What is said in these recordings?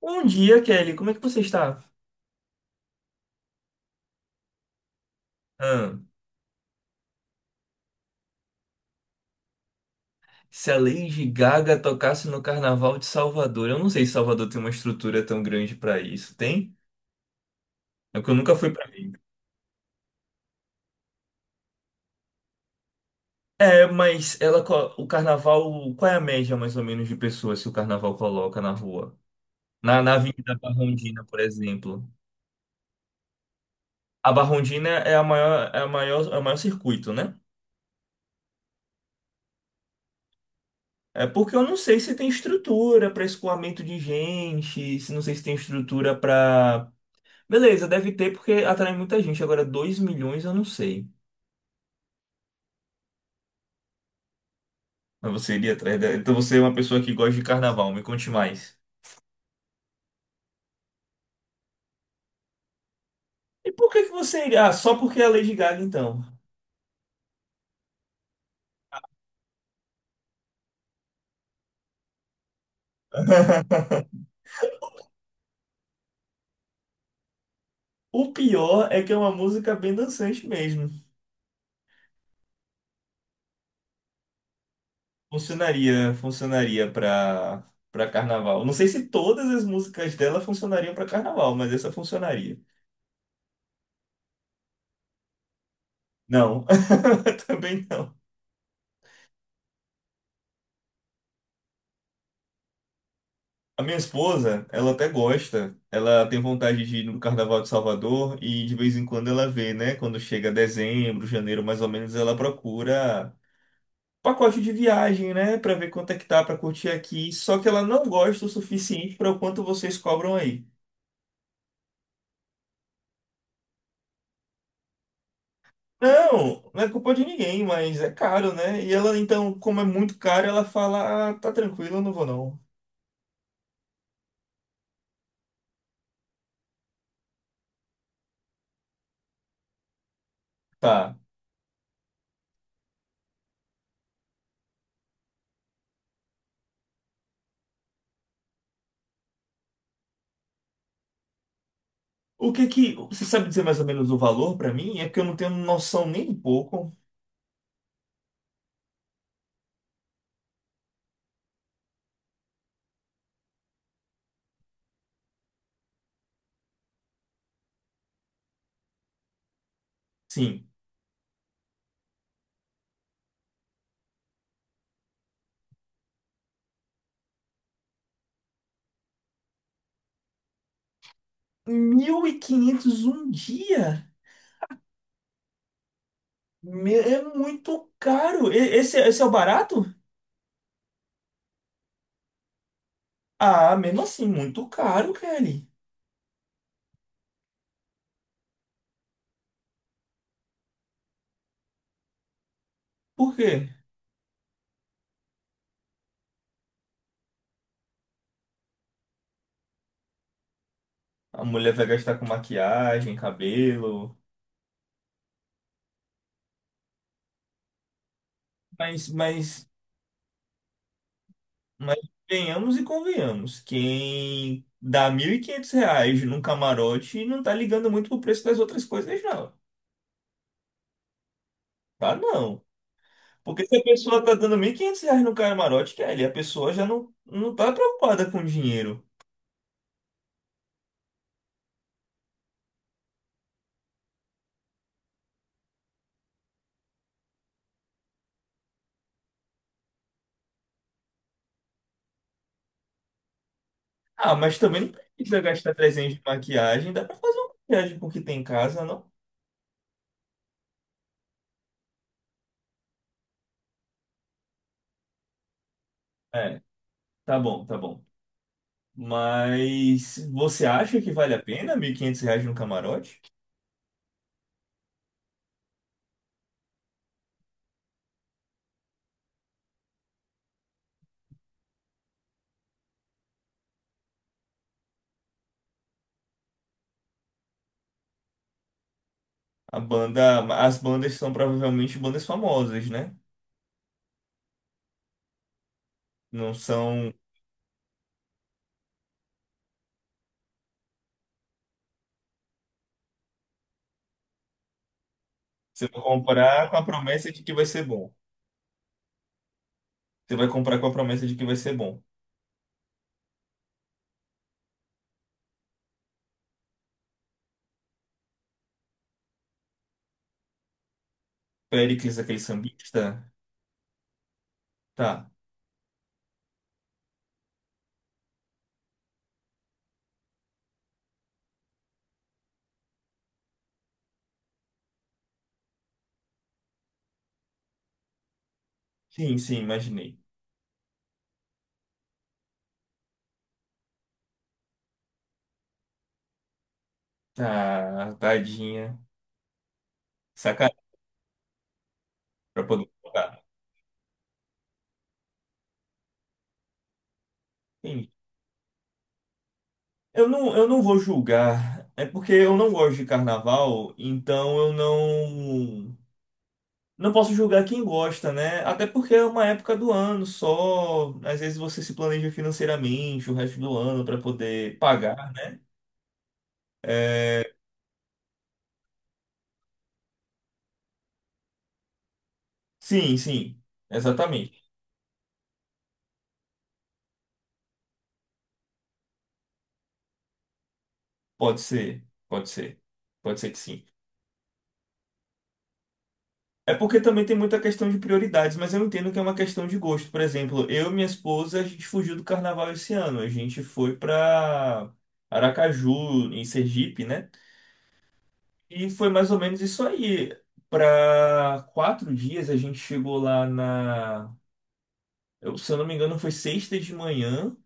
Bom dia, Kelly. Como é que você está? Ah, se a Lady Gaga tocasse no Carnaval de Salvador, eu não sei se Salvador tem uma estrutura tão grande para isso. Tem? É que eu nunca fui para mim. É, mas ela, co- o Carnaval, qual é a média mais ou menos de pessoas que o Carnaval coloca na rua? Na Avenida Barrondina, por exemplo. A Barrondina é a maior, é a maior, é o maior circuito, né? É porque eu não sei se tem estrutura para escoamento de gente, se não sei se tem estrutura para beleza, deve ter porque atrai muita gente. Agora, 2 milhões eu não sei. Mas você iria atrás dela. Então você é uma pessoa que gosta de carnaval, me conte mais. E por que que você iria? Ah, só porque é a Lady Gaga, então. O pior é que é uma música bem dançante mesmo. Funcionaria, funcionaria pra carnaval. Não sei se todas as músicas dela funcionariam pra carnaval, mas essa funcionaria. Não, também não. A minha esposa, ela até gosta. Ela tem vontade de ir no Carnaval de Salvador e de vez em quando ela vê, né? Quando chega dezembro, janeiro, mais ou menos, ela procura pacote de viagem, né? Pra ver quanto é que tá pra curtir aqui. Só que ela não gosta o suficiente para o quanto vocês cobram aí. Não, não é culpa de ninguém, mas é caro, né? E ela, então, como é muito caro, ela fala: ah, tá tranquilo, eu não vou não. Tá. O que que. Você sabe dizer mais ou menos o valor pra mim? É porque eu não tenho noção nem um pouco. Sim. 1.500 um dia? É muito caro. Esse é o barato? Ah, mesmo assim, muito caro, Kelly. Por quê? A mulher vai gastar com maquiagem, cabelo. Mas, mas, mas venhamos e convenhamos. Quem dá 1.500 reais num camarote não tá ligando muito pro preço das outras coisas, não. Tá, não. Porque se a pessoa tá dando 1.500 reais no camarote, Kelly, a pessoa já não tá preocupada com dinheiro. Ah, mas também não precisa gastar 300 de maquiagem. Dá pra fazer uma maquiagem com o que tem em casa, não? É, tá bom, tá bom. Mas você acha que vale a pena 1.500 reais no camarote? A banda, as bandas são provavelmente bandas famosas, né? Não são. Você vai comprar com a promessa de que vai ser bom. Você vai comprar com a promessa de que vai ser bom. Péricles, aquele sambista? Tá. Sim, sim, imaginei. Tá, tadinha. Sacanagem pra poder comprar. Eu não vou julgar. É porque eu não gosto de carnaval, então eu não não posso julgar quem gosta, né? Até porque é uma época do ano só. Às vezes você se planeja financeiramente o resto do ano para poder pagar. Sim, sim, exatamente. Pode ser, pode ser, pode ser que sim. É porque também tem muita questão de prioridades, mas eu entendo que é uma questão de gosto. Por exemplo, eu e minha esposa, a gente fugiu do carnaval esse ano. A gente foi para Aracaju, em Sergipe, né? E foi mais ou menos isso aí. Para 4 dias a gente chegou lá na. Se eu não me engano, foi sexta de manhã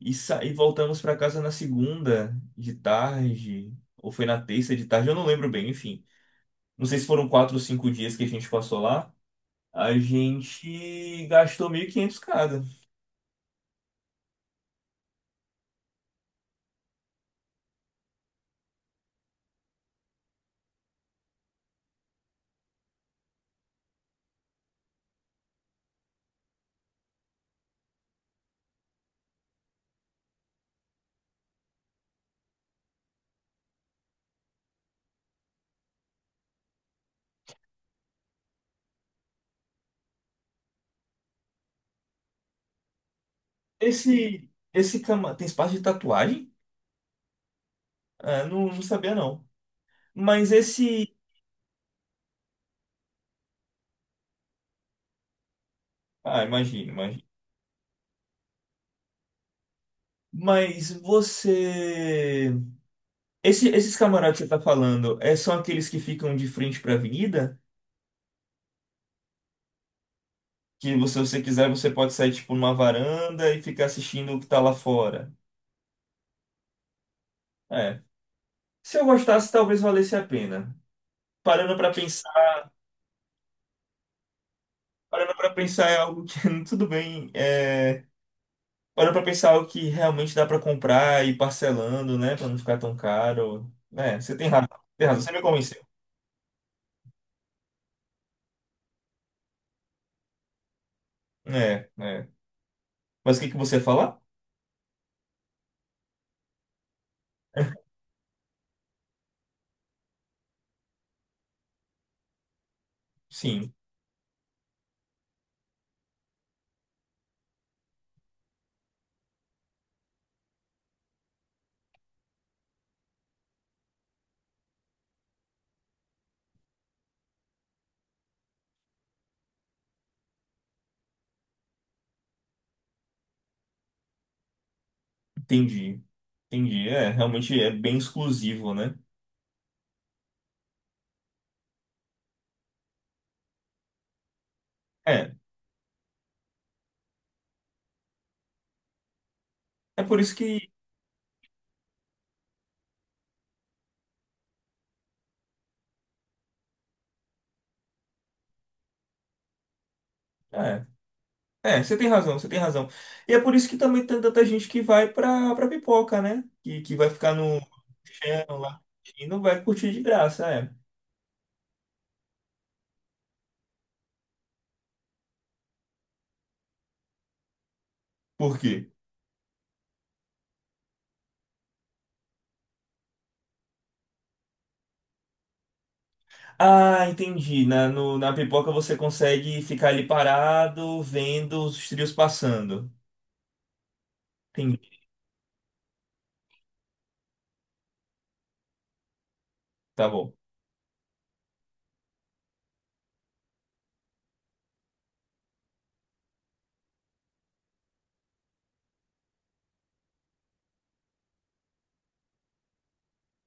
e, e voltamos para casa na segunda de tarde, ou foi na terça de tarde, eu não lembro bem, enfim. Não sei se foram 4 ou 5 dias que a gente passou lá. A gente gastou 1.500 cada. Esse cama tem espaço de tatuagem? Ah, não, não sabia não. Mas esse. Ah, imagina, imagina. Mas você. Esses camarotes que você tá falando, é, são aqueles que ficam de frente pra avenida? Que se você quiser, você pode sair, tipo, numa varanda e ficar assistindo o que tá lá fora. É. Se eu gostasse, talvez valesse a pena. Parando pra pensar, parando para pensar é algo que, tudo bem, é, parando pra pensar é algo que realmente dá pra comprar e ir parcelando, né, pra não ficar tão caro. É, você tem razão, você me convenceu. É, é. Mas o que que você fala. Sim, entendi. Entendi, é, realmente é bem exclusivo, né? É. É por isso que. É, é, você tem razão, você tem razão. E é por isso que também tem tanta gente que vai pra, pra pipoca, né? Que vai ficar no chão lá e não vai curtir de graça, é. Por quê? Ah, entendi. Na, na pipoca você consegue ficar ali parado, vendo os trios passando. Entendi, tá bom.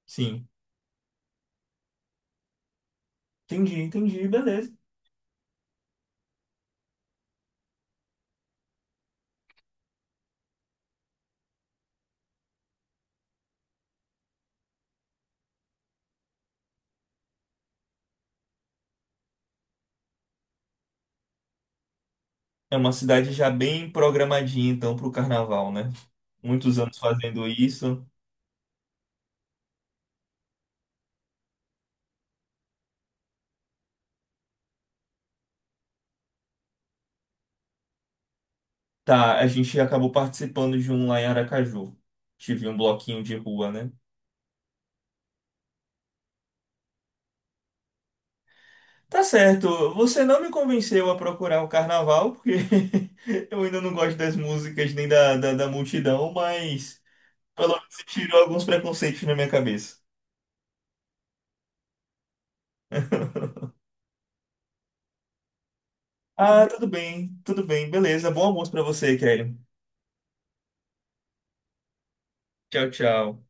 Sim. Entendi, entendi, beleza. É uma cidade já bem programadinha, então, pro carnaval, né? Muitos anos fazendo isso. Tá, a gente acabou participando de um lá em Aracaju. Tive um bloquinho de rua, né? Tá certo, você não me convenceu a procurar o carnaval, porque eu ainda não gosto das músicas nem da multidão, mas pelo menos você tirou alguns preconceitos na minha cabeça. Ah, tudo bem, beleza. Bom almoço pra você, Kelly. Tchau, tchau.